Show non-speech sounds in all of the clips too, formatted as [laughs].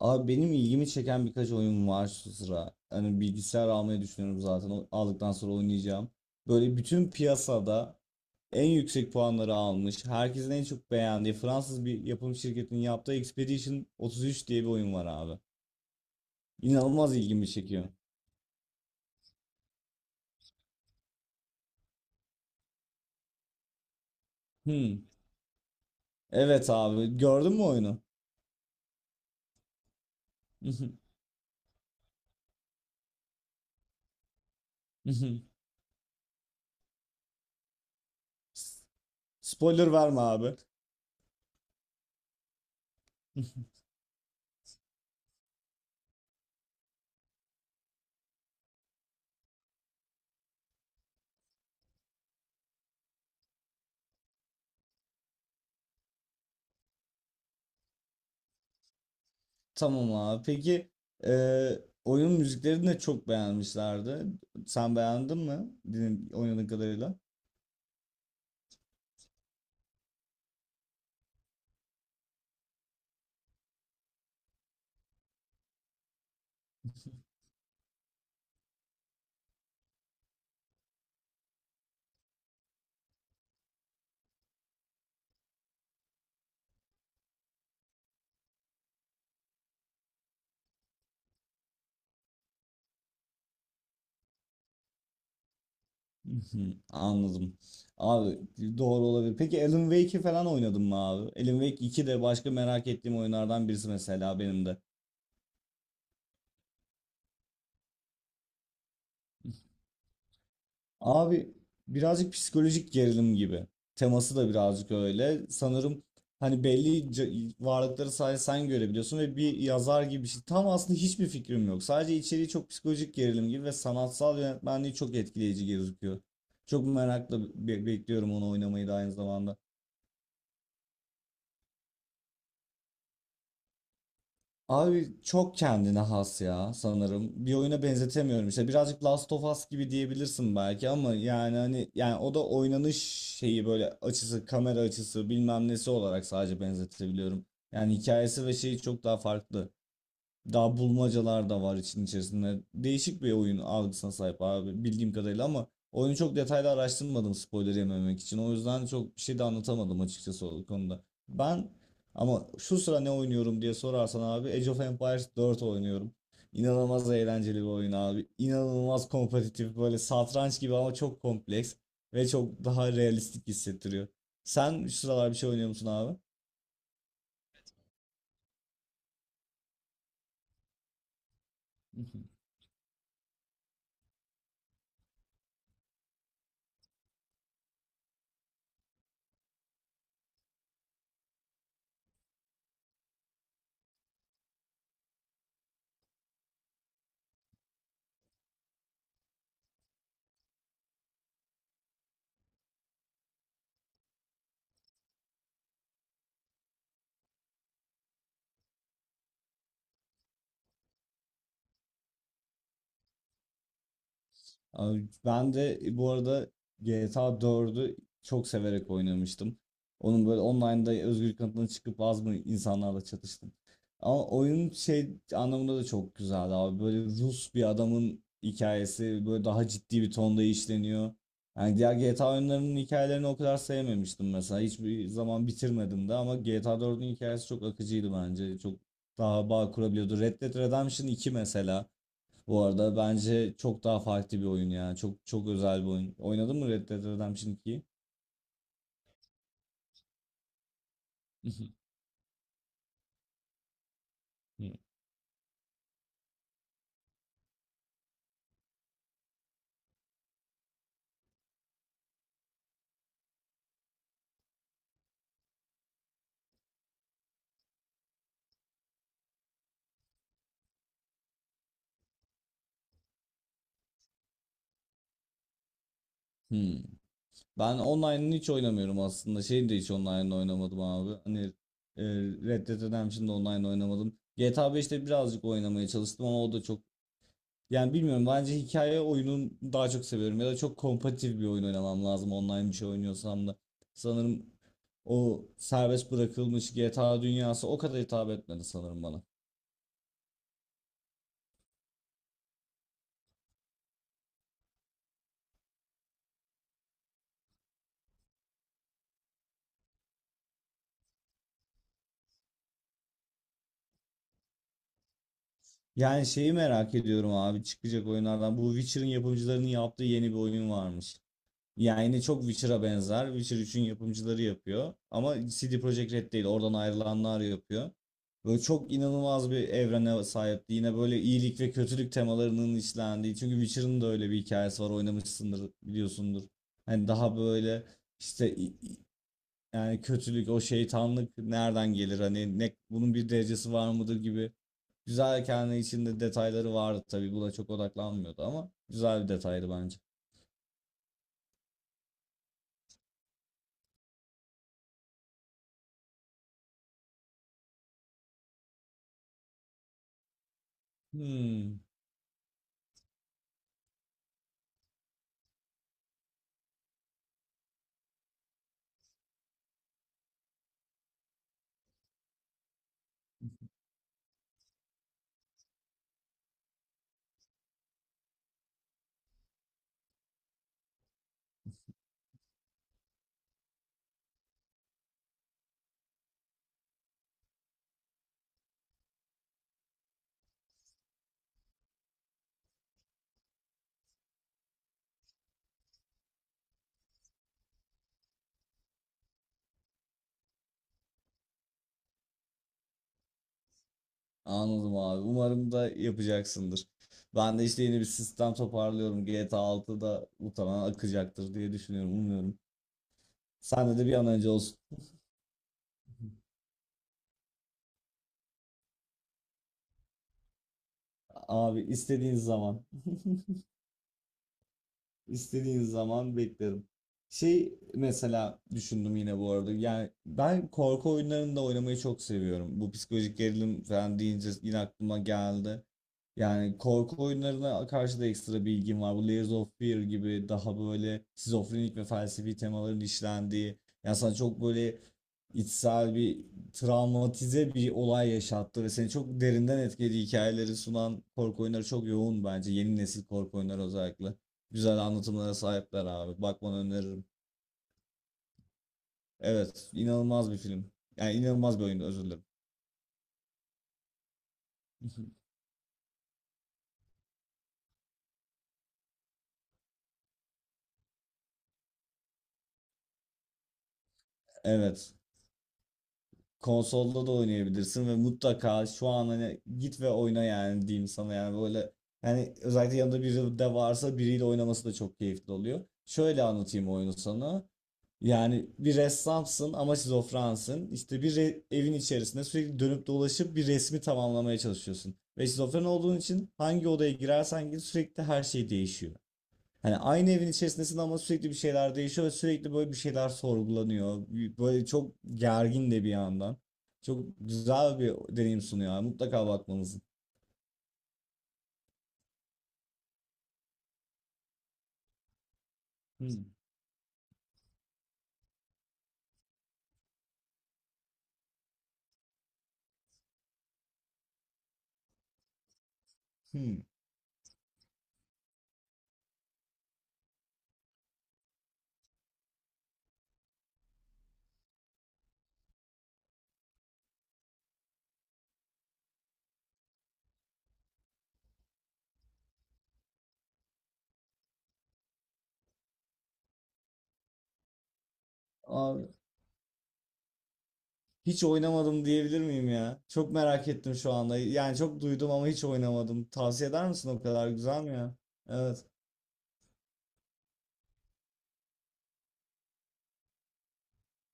Abi benim ilgimi çeken birkaç oyun var şu sıra. Hani bilgisayar almayı düşünüyorum zaten. Aldıktan sonra oynayacağım. Böyle bütün piyasada en yüksek puanları almış, herkesin en çok beğendiği Fransız bir yapım şirketinin yaptığı Expedition 33 diye bir oyun var abi. İnanılmaz ilgimi çekiyor. Hmm. Evet abi, gördün mü oyunu? [laughs] Spoiler verme abi. [laughs] Tamam abi. Peki oyun müziklerini de çok beğenmişlerdi. Sen beğendin mi? Oynadığın kadarıyla. Hı, anladım. Abi doğru olabilir. Peki Alan Wake'i falan oynadın mı abi? Alan Wake 2 de başka merak ettiğim oyunlardan birisi mesela benim de. Abi birazcık psikolojik gerilim gibi. Teması da birazcık öyle. Sanırım hani varlıkları sadece sen görebiliyorsun ve bir yazar gibi bir şey. Tam aslında hiçbir fikrim yok. Sadece içeriği çok psikolojik gerilim gibi ve sanatsal yönetmenliği çok etkileyici gözüküyor. Çok merakla bekliyorum onu oynamayı da aynı zamanda. Abi çok kendine has ya sanırım. Bir oyuna benzetemiyorum işte. Birazcık Last of Us gibi diyebilirsin belki ama yani hani yani o da oynanış şeyi böyle açısı, kamera açısı, bilmem nesi olarak sadece benzetebiliyorum. Yani hikayesi ve şeyi çok daha farklı. Daha bulmacalar da var için içerisinde. Değişik bir oyun algısına sahip abi bildiğim kadarıyla ama oyunu çok detaylı araştırmadım spoiler yememek için. O yüzden çok bir şey de anlatamadım açıkçası o konuda. Ben ama şu sıra ne oynuyorum diye sorarsan abi Age of Empires 4 oynuyorum. İnanılmaz eğlenceli bir oyun abi. İnanılmaz kompetitif böyle satranç gibi ama çok kompleks ve çok daha realistik hissettiriyor. Sen şu sıralar bir şey oynuyor musun abi? [laughs] Abi ben de bu arada GTA 4'ü çok severek oynamıştım. Onun böyle online'da özgür kanıtına çıkıp az mı insanlarla çatıştım. Ama oyun şey anlamında da çok güzeldi abi. Böyle Rus bir adamın hikayesi böyle daha ciddi bir tonda işleniyor. Yani diğer GTA oyunlarının hikayelerini o kadar sevmemiştim mesela. Hiçbir zaman bitirmedim de ama GTA 4'ün hikayesi çok akıcıydı bence. Çok daha bağ kurabiliyordu. Red Dead Redemption 2 mesela. Bu arada bence çok daha farklı bir oyun ya. Çok çok özel bir oyun. Oynadın mı Red Dead Redemption 2'yi? [laughs] Hmm. Ben online'ını hiç oynamıyorum aslında. Şeyi de hiç online'ını oynamadım abi. Hani e, Red Dead Redemption'da online oynamadım. GTA 5'te birazcık oynamaya çalıştım ama o da çok... Yani bilmiyorum bence hikaye oyunun daha çok seviyorum ya da çok kompetitif bir oyun oynamam lazım online bir şey oynuyorsam da. Sanırım o serbest bırakılmış GTA dünyası o kadar hitap etmedi sanırım bana. Yani şeyi merak ediyorum abi çıkacak oyunlardan. Bu Witcher'ın yapımcılarının yaptığı yeni bir oyun varmış. Yani yine çok Witcher'a benzer. Witcher üçün yapımcıları yapıyor. Ama CD Projekt Red değil. Oradan ayrılanlar yapıyor. Böyle çok inanılmaz bir evrene sahipti. Yine böyle iyilik ve kötülük temalarının işlendiği. Çünkü Witcher'ın da öyle bir hikayesi var. Oynamışsındır, biliyorsundur. Hani daha böyle işte yani kötülük, o şeytanlık nereden gelir? Hani ne, bunun bir derecesi var mıdır gibi. Güzel kendi içinde detayları vardı tabii. Buna çok odaklanmıyordu ama güzel bir detaydı bence. Hmm, anladım abi. Umarım da yapacaksındır. Ben de işte yeni bir sistem toparlıyorum. GTA 6'da muhtemelen akacaktır diye düşünüyorum. Umuyorum. Sende de bir an önce olsun. Abi istediğin zaman. [laughs] İstediğin zaman beklerim. Şey mesela düşündüm yine bu arada. Yani ben korku oyunlarını da oynamayı çok seviyorum. Bu psikolojik gerilim falan deyince yine aklıma geldi. Yani korku oyunlarına karşı da ekstra bilgim var. Bu Layers of Fear gibi daha böyle şizofrenik ve felsefi temaların işlendiği. Yani sana çok böyle içsel bir travmatize bir olay yaşattı ve seni çok derinden etkili hikayeleri sunan korku oyunları çok yoğun bence. Yeni nesil korku oyunları özellikle. Güzel anlatımlara sahipler abi. Bakmanı öneririm. Evet, inanılmaz bir film. Yani inanılmaz bir oyun, özür dilerim. [laughs] Evet. Konsolda da oynayabilirsin ve mutlaka şu an hani git ve oyna yani diyeyim sana yani böyle yani özellikle yanında biri de varsa biriyle oynaması da çok keyifli oluyor. Şöyle anlatayım oyunu sana. Yani bir ressamsın ama şizofrensin. İşte evin içerisinde sürekli dönüp dolaşıp bir resmi tamamlamaya çalışıyorsun. Ve şizofren olduğun için hangi odaya girersen gir sürekli her şey değişiyor. Hani aynı evin içerisindesin ama sürekli bir şeyler değişiyor ve sürekli böyle bir şeyler sorgulanıyor. Böyle çok gergin de bir yandan. Çok güzel bir deneyim sunuyor abi. Mutlaka bakmanızı. Hmm. Hmm. Abi, hiç oynamadım diyebilir miyim ya? Çok merak ettim şu anda. Yani çok duydum ama hiç oynamadım. Tavsiye eder misin, o kadar güzel mi ya? Evet.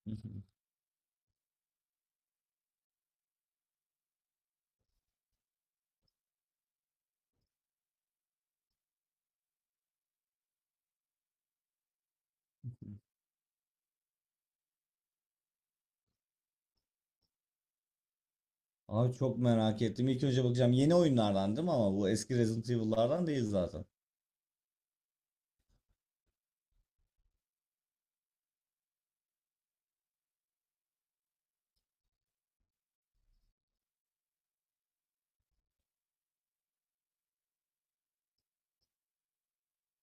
[laughs] Abi çok merak ettim. İlk önce bakacağım. Yeni oyunlardan değil mi ama bu eski Resident Evil'lardan değil zaten.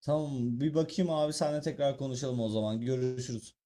Tamam bir bakayım abi, seninle tekrar konuşalım o zaman. Görüşürüz.